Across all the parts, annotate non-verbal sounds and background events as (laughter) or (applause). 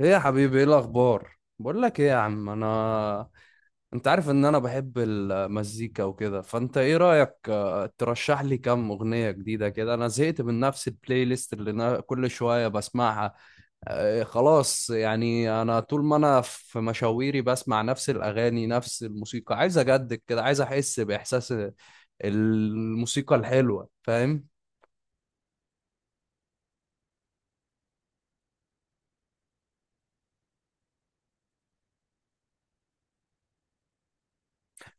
ايه يا حبيبي، ايه الاخبار؟ بقول لك ايه يا عم. انا انت عارف ان انا بحب المزيكا وكده، فانت ايه رايك؟ ترشح لي كام اغنيه جديده كده. انا زهقت من نفس البلاي ليست اللي انا كل شويه بسمعها. خلاص يعني انا طول ما انا في مشاويري بسمع نفس الاغاني نفس الموسيقى. عايز اجدد كده، عايز احس باحساس الموسيقى الحلوه، فاهم؟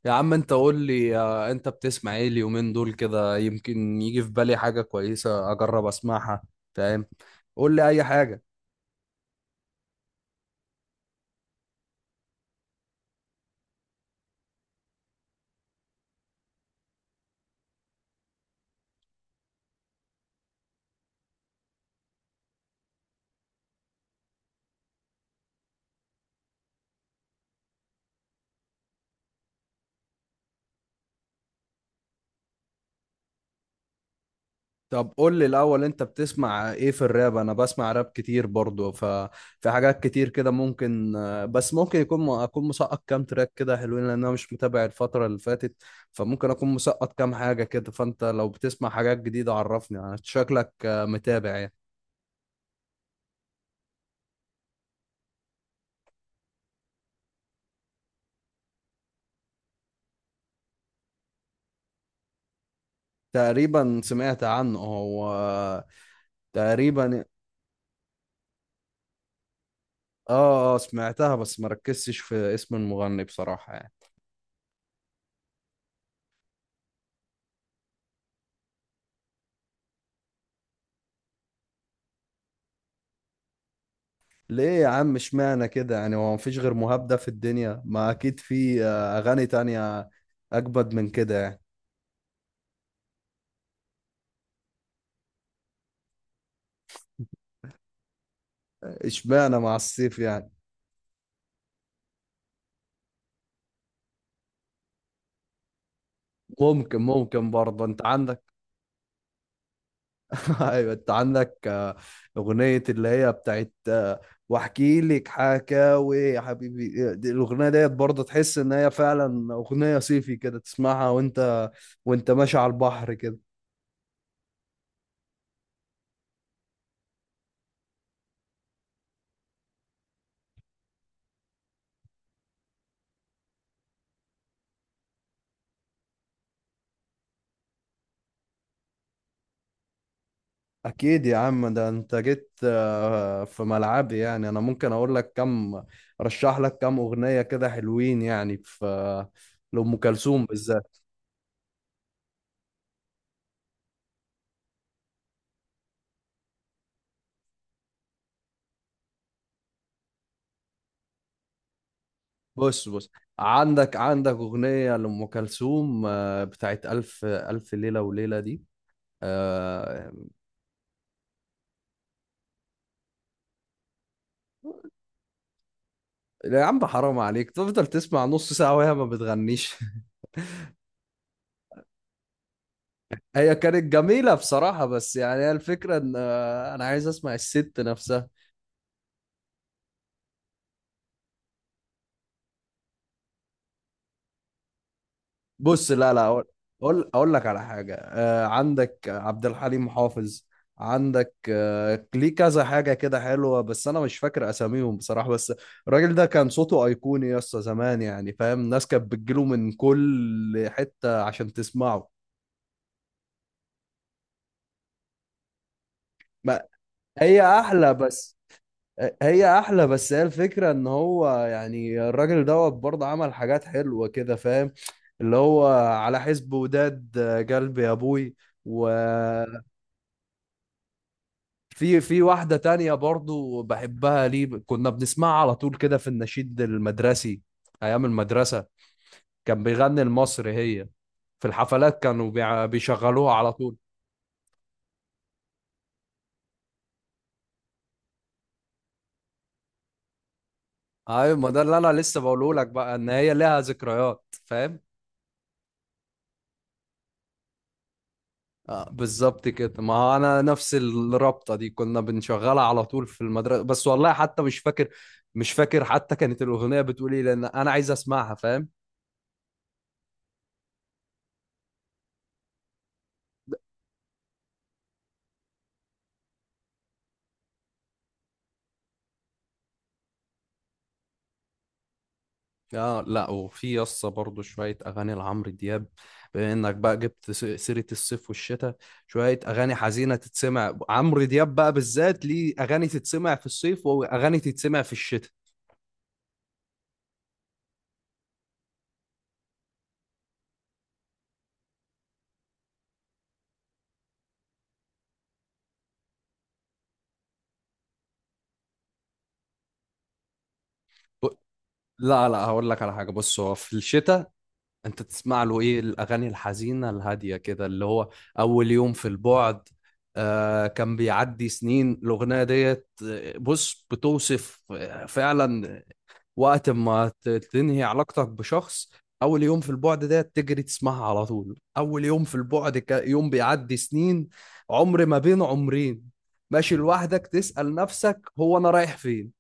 يا عم انت قول لي، انت بتسمع ايه اليومين دول كده؟ يمكن يجي في بالي حاجة كويسة اجرب اسمعها. فاهم؟ قول لي اي حاجة. طب قول لي الاول، انت بتسمع ايه في الراب؟ انا بسمع راب كتير برضو، ففي حاجات كتير كده ممكن، بس ممكن يكون اكون مسقط كام تراك كده حلوين، لان انا مش متابع الفترة اللي فاتت. فممكن اكون مسقط كام حاجة كده. فانت لو بتسمع حاجات جديدة عرفني، يعني شكلك متابع يعني. تقريبا سمعت عنه هو، تقريبا. اه اه، سمعتها بس ما ركزتش في اسم المغني بصراحة يعني. ليه يا عم اشمعنى كده يعني؟ هو مفيش غير مهاب ده في الدنيا؟ ما اكيد في اغاني تانية اكبد من كده يعني. اشمعنى مع السيف يعني؟ ممكن، ممكن برضه انت عندك. (laughs) ايوه، انت عندك اغنية اللي هي بتاعت، واحكي لك حكاوي يا حبيبي. الاغنية ديت برضه تحس ان هي فعلا اغنية صيفي كده، تسمعها وانت، وانت ماشي على البحر كده. اكيد يا عم، ده انت جيت في ملعبي يعني. انا ممكن اقول لك كم، رشح لك كم اغنية كده حلوين، يعني في لأم كلثوم بالذات. بص بص، عندك اغنية لأم كلثوم بتاعت ألف ليلة وليلة دي. آه، يا عم حرام عليك تفضل تسمع نص ساعة وهي ما بتغنيش. (laughs) هي كانت جميلة بصراحة، بس يعني هي الفكرة ان انا عايز اسمع الست نفسها. بص، لا لا، اقول اقول أقول لك على حاجه. آه، عندك عبد الحليم حافظ، عندك آه، ليه كذا حاجه كده حلوه بس انا مش فاكر اساميهم بصراحه. بس الراجل ده كان صوته ايقوني يا اسطى، زمان يعني، فاهم؟ الناس كانت بتجيله من كل حته عشان تسمعه. ما هي احلى بس هي احلى بس. هي الفكره ان هو يعني الراجل دوت برضه عمل حاجات حلوه كده، فاهم؟ اللي هو على حسب وداد، قلبي يا ابوي. و في في واحدة تانية برضو بحبها، ليه كنا بنسمعها على طول كده في النشيد المدرسي، أيام المدرسة. كان بيغني المصري هي، في الحفلات كانوا بيشغلوها على طول. أيوة، ما ده اللي أنا لسه بقوله لك بقى، إن هي لها ذكريات، فاهم؟ آه بالظبط كده. ما هو أنا نفس الرابطة دي كنا بنشغلها على طول في المدرسة، بس والله حتى مش فاكر، مش فاكر حتى كانت الأغنية بتقول إيه، لأن أنا عايز أسمعها، فاهم؟ اه لا، وفي يسطا برضه شوية أغاني لعمرو دياب، بما إنك بقى جبت سيرة الصيف والشتاء. شوية أغاني حزينة تتسمع عمرو دياب بقى بالذات، ليه أغاني تتسمع في الصيف وأغاني تتسمع في الشتاء. ب- لا لا، هقول لك على حاجة. بص هو في الشتاء، أنت تسمع له إيه؟ الأغاني الحزينة الهادية كده، اللي هو أول يوم في البعد. آه كان بيعدي سنين، الأغنية ديت، بص بتوصف فعلا وقت ما تنهي علاقتك بشخص. اول يوم في البعد ده تجري تسمعها على طول. اول يوم في البعد، يوم بيعدي سنين، عمر ما بين عمرين، ماشي لوحدك تسأل نفسك هو انا رايح فين.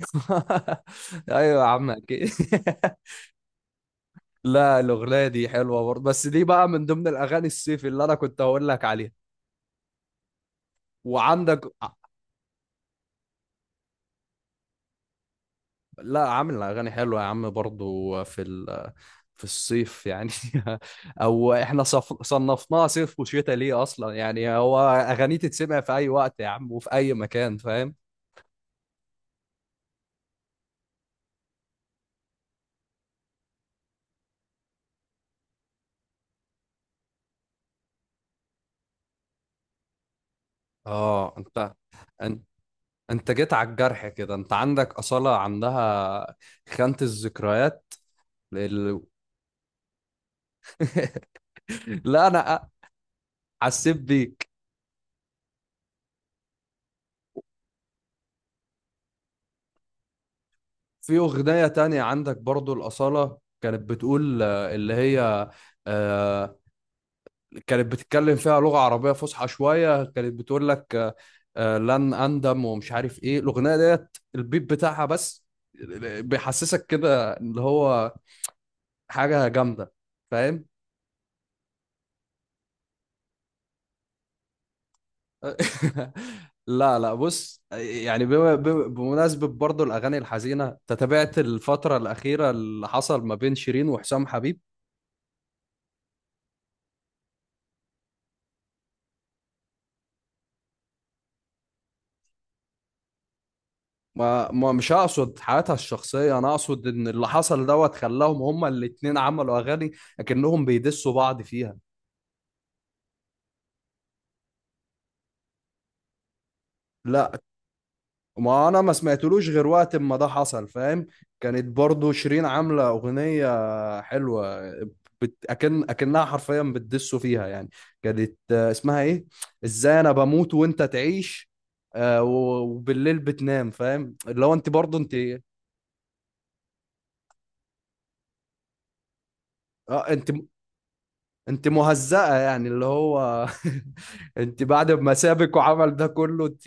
(laughs) ايوه يا عم، اكيد. (laughs) لا الاغنيه دي حلوه برضه، بس دي بقى من ضمن الاغاني الصيف اللي انا كنت هقول لك عليها. وعندك، لا، عامل اغاني حلوه يا عم برضو في الصيف يعني. (laughs) او احنا صنفناها صيف وشتاء ليه اصلا يعني؟ هو اغاني تتسمع في اي وقت يا عم، وفي اي مكان، فاهم؟ اه، انت انت جيت على الجرح كده. انت عندك اصاله، عندها خانه الذكريات، ال... (laughs) لا انا حسيت بيك. في اغنيه تانية عندك برضو الاصاله كانت بتقول اللي هي كانت بتتكلم فيها لغة عربية فصحى شوية. كانت بتقول لك لن أندم، ومش عارف إيه الأغنية ديت، البيت بتاعها بس بيحسسك كده، اللي هو حاجة جامدة، فاهم؟ (laughs) لا لا، بص يعني، بمناسبة برضو الأغاني الحزينة، أنت تابعت الفترة الأخيرة اللي حصل ما بين شيرين وحسام حبيب؟ ما ما مش هقصد حياتها الشخصية، أنا أقصد إن اللي حصل دوت خلاهم هما الاتنين عملوا أغاني أكنهم بيدسوا بعض فيها. لا، ما انا ما سمعتلوش غير وقت ما ده حصل، فاهم؟ كانت برضو شيرين عامله اغنيه حلوه، اكنها حرفيا بتدسوا فيها يعني. كانت اسمها ايه، ازاي انا بموت وانت تعيش، وبالليل بتنام، فاهم؟ اللي هو انت برضو انت، اه انت، انت مهزأة يعني، اللي هو (laughs) انت بعد ما سابك وعمل ده كله، انت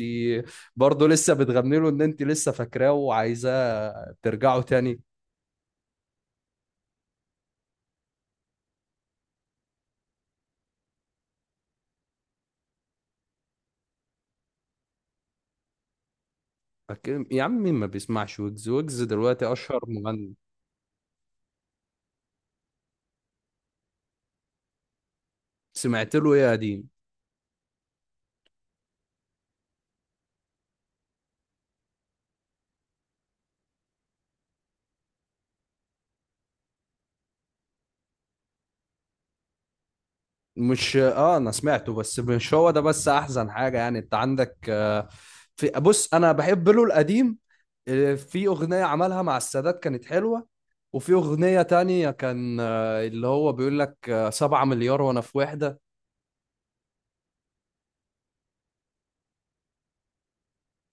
برضه لسه بتغني له ان انت لسه فاكراه وعايزاه ترجعوا تاني. أكيد يا عم، مين ما بيسمعش ويجز؟ ويجز دلوقتي أشهر مغني. سمعت له إيه يا قديم؟ مش أنا سمعته، بس مش هو ده بس أحزن حاجة يعني. أنت عندك في، بص أنا بحب له القديم. في أغنية عملها مع السادات كانت حلوة. وفي أغنية تانية كان اللي هو بيقول لك 7 مليار وأنا في وحدة،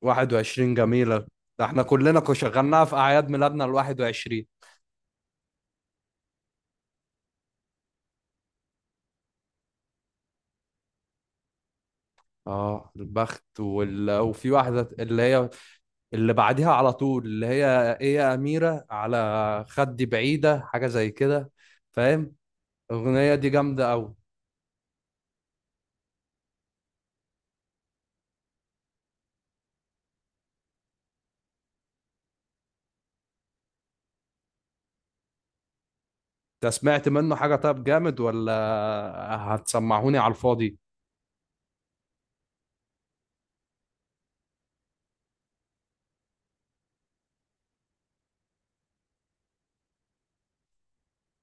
21 جميلة. ده احنا كلنا كنا شغلناها في أعياد ميلادنا الـ21. اه البخت، وفي واحدة اللي هي اللي بعديها على طول، اللي هي ايه، يا أميرة على خدي بعيدة، حاجة زي كده، فاهم؟ الأغنية دي جامدة أوي. انت سمعت منه حاجة طب، جامد ولا هتسمعوني على الفاضي؟